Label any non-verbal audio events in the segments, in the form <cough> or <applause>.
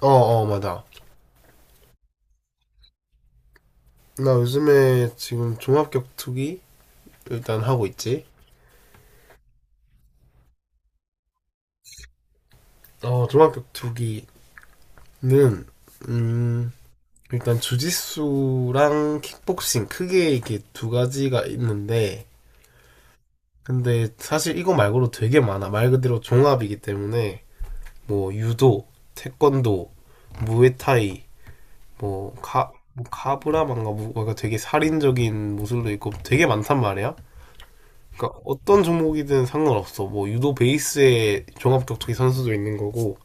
맞아. 나 요즘에 지금 종합격투기 일단 하고 있지. 종합격투기는, 음, 일단 주짓수랑 킥복싱 크게 이렇게 두 가지가 있는데, 근데 사실 이거 말고도 되게 많아. 말 그대로 종합이기 때문에, 뭐, 유도, 태권도, 무에타이, 뭐, 뭐 카브라만가 뭐가 되게 살인적인 무술도 있고 되게 많단 말이야. 그러니까 어떤 종목이든 상관없어. 뭐 유도 베이스에 종합 격투기 선수도 있는 거고.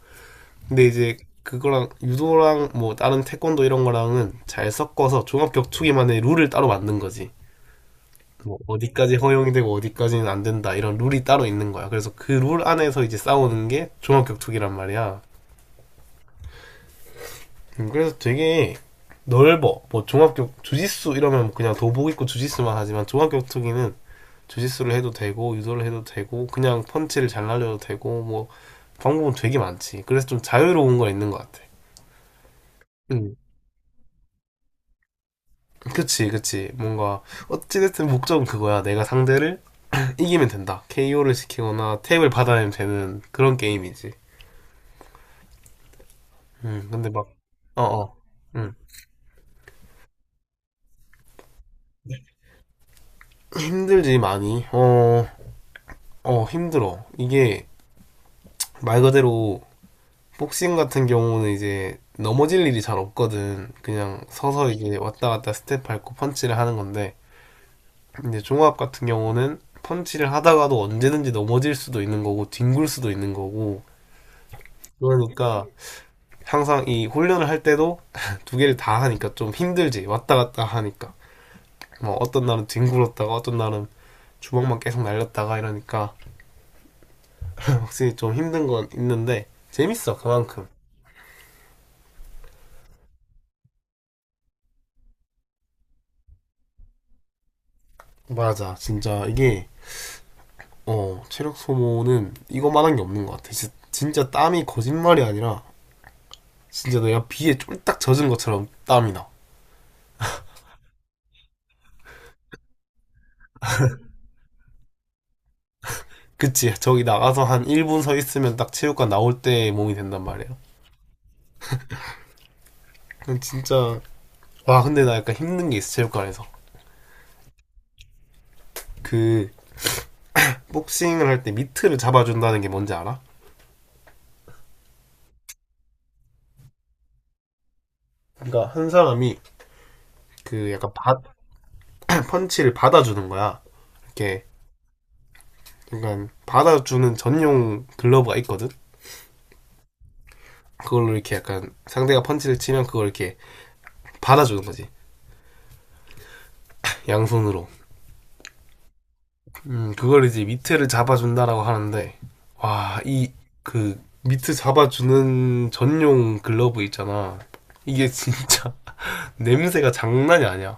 근데 이제 그거랑 유도랑 뭐 다른 태권도 이런 거랑은 잘 섞어서 종합 격투기만의 룰을 따로 만든 거지. 뭐 어디까지 허용이 되고 어디까지는 안 된다 이런 룰이 따로 있는 거야. 그래서 그 룰 안에서 이제 싸우는 게 종합 격투기란 말이야. 그래서 되게 넓어. 뭐 종합 격 주짓수 이러면 그냥 도복 입고 주짓수만 하지만 종합 격투기는 주짓수를 해도 되고 유도를 해도 되고 그냥 펀치를 잘 날려도 되고 뭐 방법은 되게 많지. 그래서 좀 자유로운 건 있는 것 같아. 응, 그치, 그치. 뭔가, 어찌됐든 목적은 그거야. 내가 상대를 이기면 된다. KO를 시키거나 탭을 받아내면 되는 그런 게임이지. 근데 막, 어, 어, 음. 힘들지, 많이. 힘들어. 이게 말 그대로 복싱 같은 경우는 이제 넘어질 일이 잘 없거든. 그냥 서서 이게 왔다 갔다 스텝 밟고 펀치를 하는 건데, 이제 종합 같은 경우는 펀치를 하다가도 언제든지 넘어질 수도 있는 거고, 뒹굴 수도 있는 거고, 그러니까 항상 이 훈련을 할 때도 <laughs> 두 개를 다 하니까 좀 힘들지. 왔다 갔다 하니까. 뭐 어떤 날은 뒹굴었다가 어떤 날은 주먹만 계속 날렸다가 이러니까 확실히 좀 힘든 건 있는데 재밌어 그만큼. 맞아 진짜 이게 체력 소모는 이거만한 게 없는 것 같아. 진짜, 진짜 땀이 거짓말이 아니라 진짜 내가 비에 쫄딱 젖은 것처럼 땀이 나. 그치 저기 나가서 한 1분 서 있으면 딱 체육관 나올 때 몸이 된단 말이야. 진짜. 와 근데 나 약간 힘든 게 있어 체육관에서. 그 복싱을 할 때 미트를 잡아준다는 게 뭔지 알아? 그러니까 한 사람이 그 약간 <clears throat> 펀치를 받아주는 거야. 이렇게 약간 받아주는 전용 글러브가 있거든. 그걸로 이렇게 약간 상대가 펀치를 치면 그걸 이렇게 받아주는 거지, 양손으로. 음, 그걸 이제 밑에를 잡아준다라고 하는데 와 이 그 밑에 잡아주는 전용 글러브 있잖아. 이게 진짜 <laughs> 냄새가 장난이 아니야.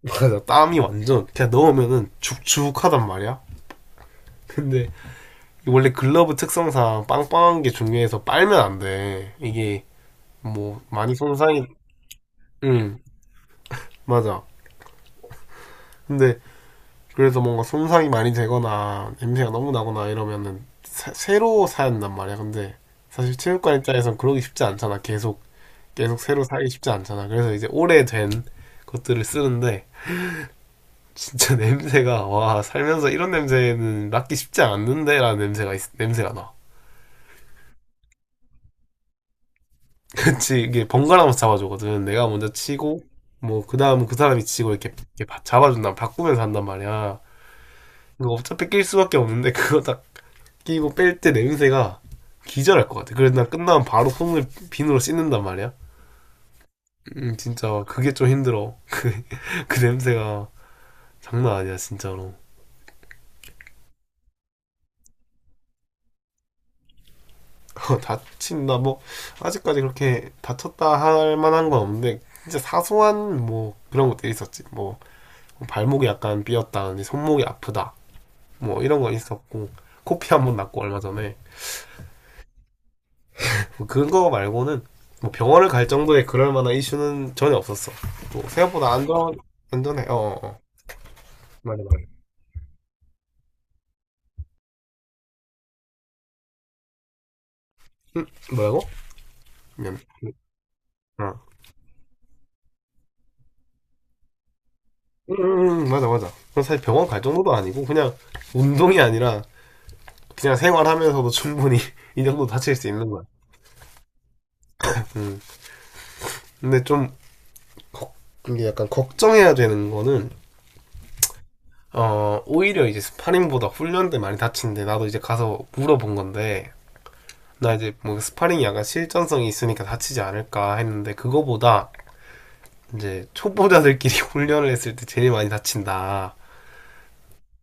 맞아 땀이 완전 그냥 넣으면은 죽죽하단 말이야. 근데 원래 글러브 특성상 빵빵한 게 중요해서 빨면 안돼 이게. 뭐 많이 손상이. 응, 맞아. 근데 그래서 뭔가 손상이 많이 되거나 냄새가 너무 나거나 이러면은 새로 사 я 단 말이야. 근데 사실 체육관 입장에선 그러기 쉽지 않잖아. 계속 새로 사기 쉽지 않잖아. 그래서 이제 오래된 것들을 쓰는데 진짜 <laughs> 냄새가, 와 살면서 이런 냄새는 맡기 쉽지 않는데라는 냄새가 냄새가 나. <laughs> 그치 이게 번갈아가면서 잡아주거든. 내가 먼저 치고 뭐 그 다음은 그 사람이 치고 이렇게, 이렇게 잡아준다. 바꾸면서 한단 말이야. 이거 어차피 낄 수밖에 없는데 그거 다 끼고 뺄 때 냄새가 기절할 것 같아. 그래서 난 끝나면 바로 손을 비누로 씻는단 말이야. 진짜 그게 좀 힘들어. <laughs> 그 냄새가 장난 아니야, 진짜로. <laughs> 다친다, 뭐, 아직까지 그렇게 다쳤다 할 만한 건 없는데, 진짜 사소한 뭐 그런 것들이 있었지. 뭐, 발목이 약간 삐었다, 손목이 아프다. 뭐 이런 건 있었고, 코피 한번 났고 얼마 전에. 뭐 그거 말고는 뭐 병원을 갈 정도의 그럴 만한 이슈는 전혀 없었어. 뭐 생각보다 안전해. 어, 어, 어. 맞아 맞아. 음, 뭐라고? 미안. 어. 맞아 맞아. 그건 사실 병원 갈 정도도 아니고 그냥 운동이 아니라 그냥 생활하면서도 충분히 <laughs> 이 정도 다칠 수 있는 거야. 음. 근데 좀 걱, 이게 약간 걱정해야 되는 거는 어, 오히려 이제 스파링보다 훈련 때 많이 다치는데 나도 이제 가서 물어본 건데 나 이제 뭐 스파링이 약간 실전성이 있으니까 다치지 않을까 했는데 그거보다 이제 초보자들끼리 <laughs> 훈련을 했을 때 제일 많이 다친다.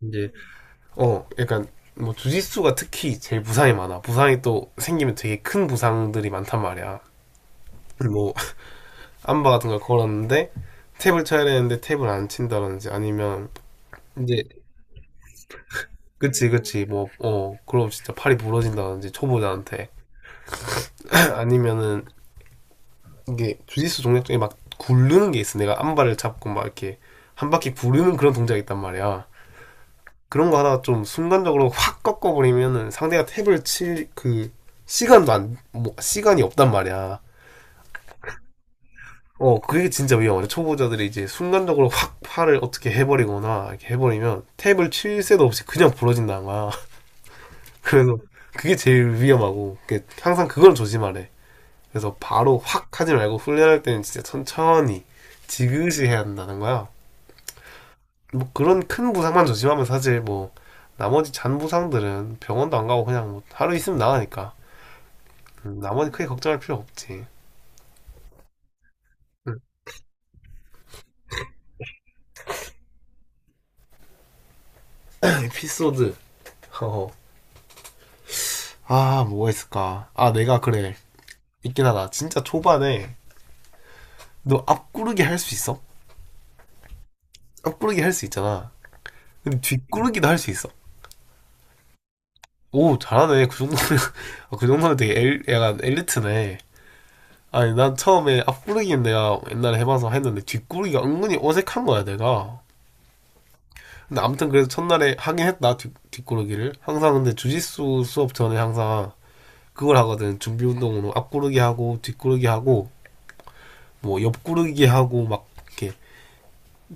이제 어 약간 뭐 주짓수가 특히 제일 부상이 많아. 부상이 또 생기면 되게 큰 부상들이 많단 말이야. 뭐 암바 같은 걸 걸었는데 탭을 쳐야 되는데 탭을 안 친다든지 아니면 이제 그치 그치 뭐 어 그럼 진짜 팔이 부러진다든지 초보자한테 <clears throat> <laughs> 아니면은 이게 주짓수 동작 중에 막 굴르는 게 있어. 내가 암발을 잡고 막 이렇게 한 바퀴 구르는 그런 동작이 있단 말이야. 그런 거 하다가 좀 순간적으로 확 꺾어버리면은 상대가 탭을 칠 그 시간도 안, 뭐, 시간이 없단 말이야. 어, 그게 진짜 위험하죠. 초보자들이 이제 순간적으로 확 팔을 어떻게 해버리거나 이렇게 해버리면 탭을 칠 새도 없이 그냥 부러진다는 거야. <laughs> 그래서 그게 제일 위험하고 그 항상 그걸 조심하래. 그래서 바로 확 하지 말고 훈련할 때는 진짜 천천히 지그시 해야 한다는 거야. 뭐 그런 큰 부상만 조심하면 사실 뭐 나머지 잔 부상들은 병원도 안 가고 그냥 뭐 하루 있으면 나가니까 나머지 크게 걱정할 필요 없지. 음. <clears throat> <laughs> 에피소드. 어 아 뭐가 있을까? 아 내가 그래 있긴 하다. 진짜 초반에 너 앞구르기 할 수 있어? 앞구르기 할 수 있잖아. 근데 뒷구르기도 할 수 있어. 오 잘하네. 그 정도면 <laughs> 그 정도면 되게 약간 엘리트네. 아니 난 처음에 앞구르기는 내가 옛날에 해봐서 했는데 뒷구르기가 은근히 어색한 거야 내가. 근데 아무튼 그래서 첫날에 하긴 했다 뒷구르기를 항상 근데 주짓수 수업 전에 항상 그걸 하거든. 준비 운동으로 앞구르기 하고 뒷구르기 하고 뭐 옆구르기 하고 막 이렇게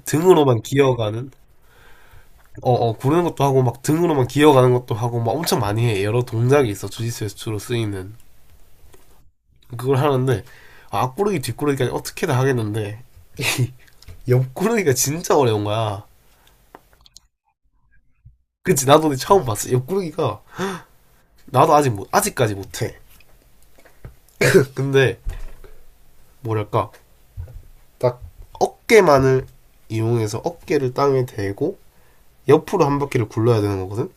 등으로만 기어가는, 어어 구르는 것도 하고 막 등으로만 기어가는 것도 하고 막 엄청 많이 해. 여러 동작이 있어 주짓수에서 주로 쓰이는. 그걸 하는데 아, 앞구르기 뒷구르기까지 어떻게든 하겠는데 옆구르기가 진짜 어려운 거야. 그치 나도 근데 처음 봤어 옆구르기가. 나도 아직 못 아직까지 못해. 근데 뭐랄까 딱 어깨만을 이용해서 어깨를 땅에 대고 옆으로 한 바퀴를 굴러야 되는 거거든?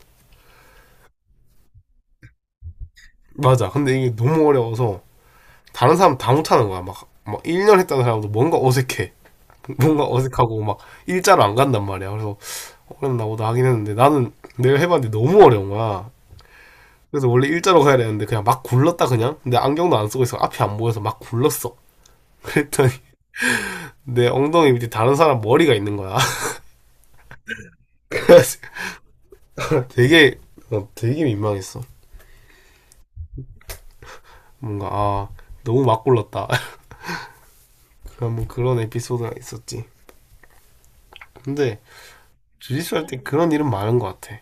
맞아. 근데 이게 너무 어려워서 다른 사람 다 못하는 거야. 막 1년 했다는 사람도 뭔가 어색해. <laughs> 뭔가 어색하고 막 일자로 안 간단 말이야. 그래서 어렵나 보다 하긴 했는데 나는 내가 해봤는데 너무 어려운 거야. 그래서 원래 일자로 가야 되는데 그냥 막 굴렀다 그냥. 근데 안경도 안 쓰고 있어 앞이 안 보여서 막 굴렀어. <laughs> 그랬더니 내 엉덩이 밑에 다른 사람 머리가 있는 거야. <laughs> 되게, 되게 민망했어. 뭔가 아 너무 막 골랐다. <laughs> 한번 그런 에피소드가 있었지. 근데 주짓수 할 때 그런 일은 많은 것 같아.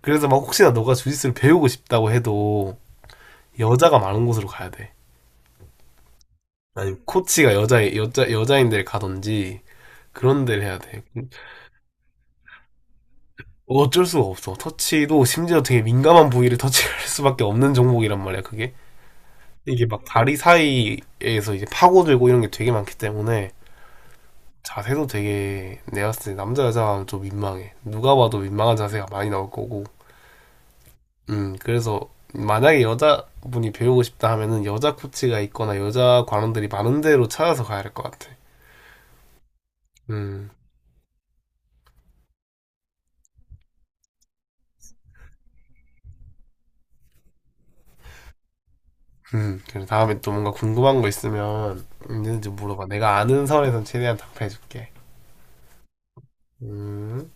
그래서 막 혹시나 너가 주짓수를 배우고 싶다고 해도 여자가 많은 곳으로 가야 돼. 아니면 코치가 여자인 데를 가든지 그런 데를 해야 돼. 어쩔 수가 없어. 터치도 심지어 되게 민감한 부위를 터치할 <laughs> 수밖에 없는 종목이란 말이야. 그게 이게 막 다리 사이에서 이제 파고들고 이런 게 되게 많기 때문에 자세도 되게 내가 봤을 때 남자 여자가 좀 민망해. 누가 봐도 민망한 자세가 많이 나올 거고. 그래서 만약에 여자분이 배우고 싶다 하면은 여자 코치가 있거나 여자 관원들이 많은 데로 찾아서 가야 할 것 같아. 음, 그래 다음에 또 뭔가 궁금한 거 있으면 있는지 물어봐. 내가 아는 선에선 최대한 답해줄게. 음.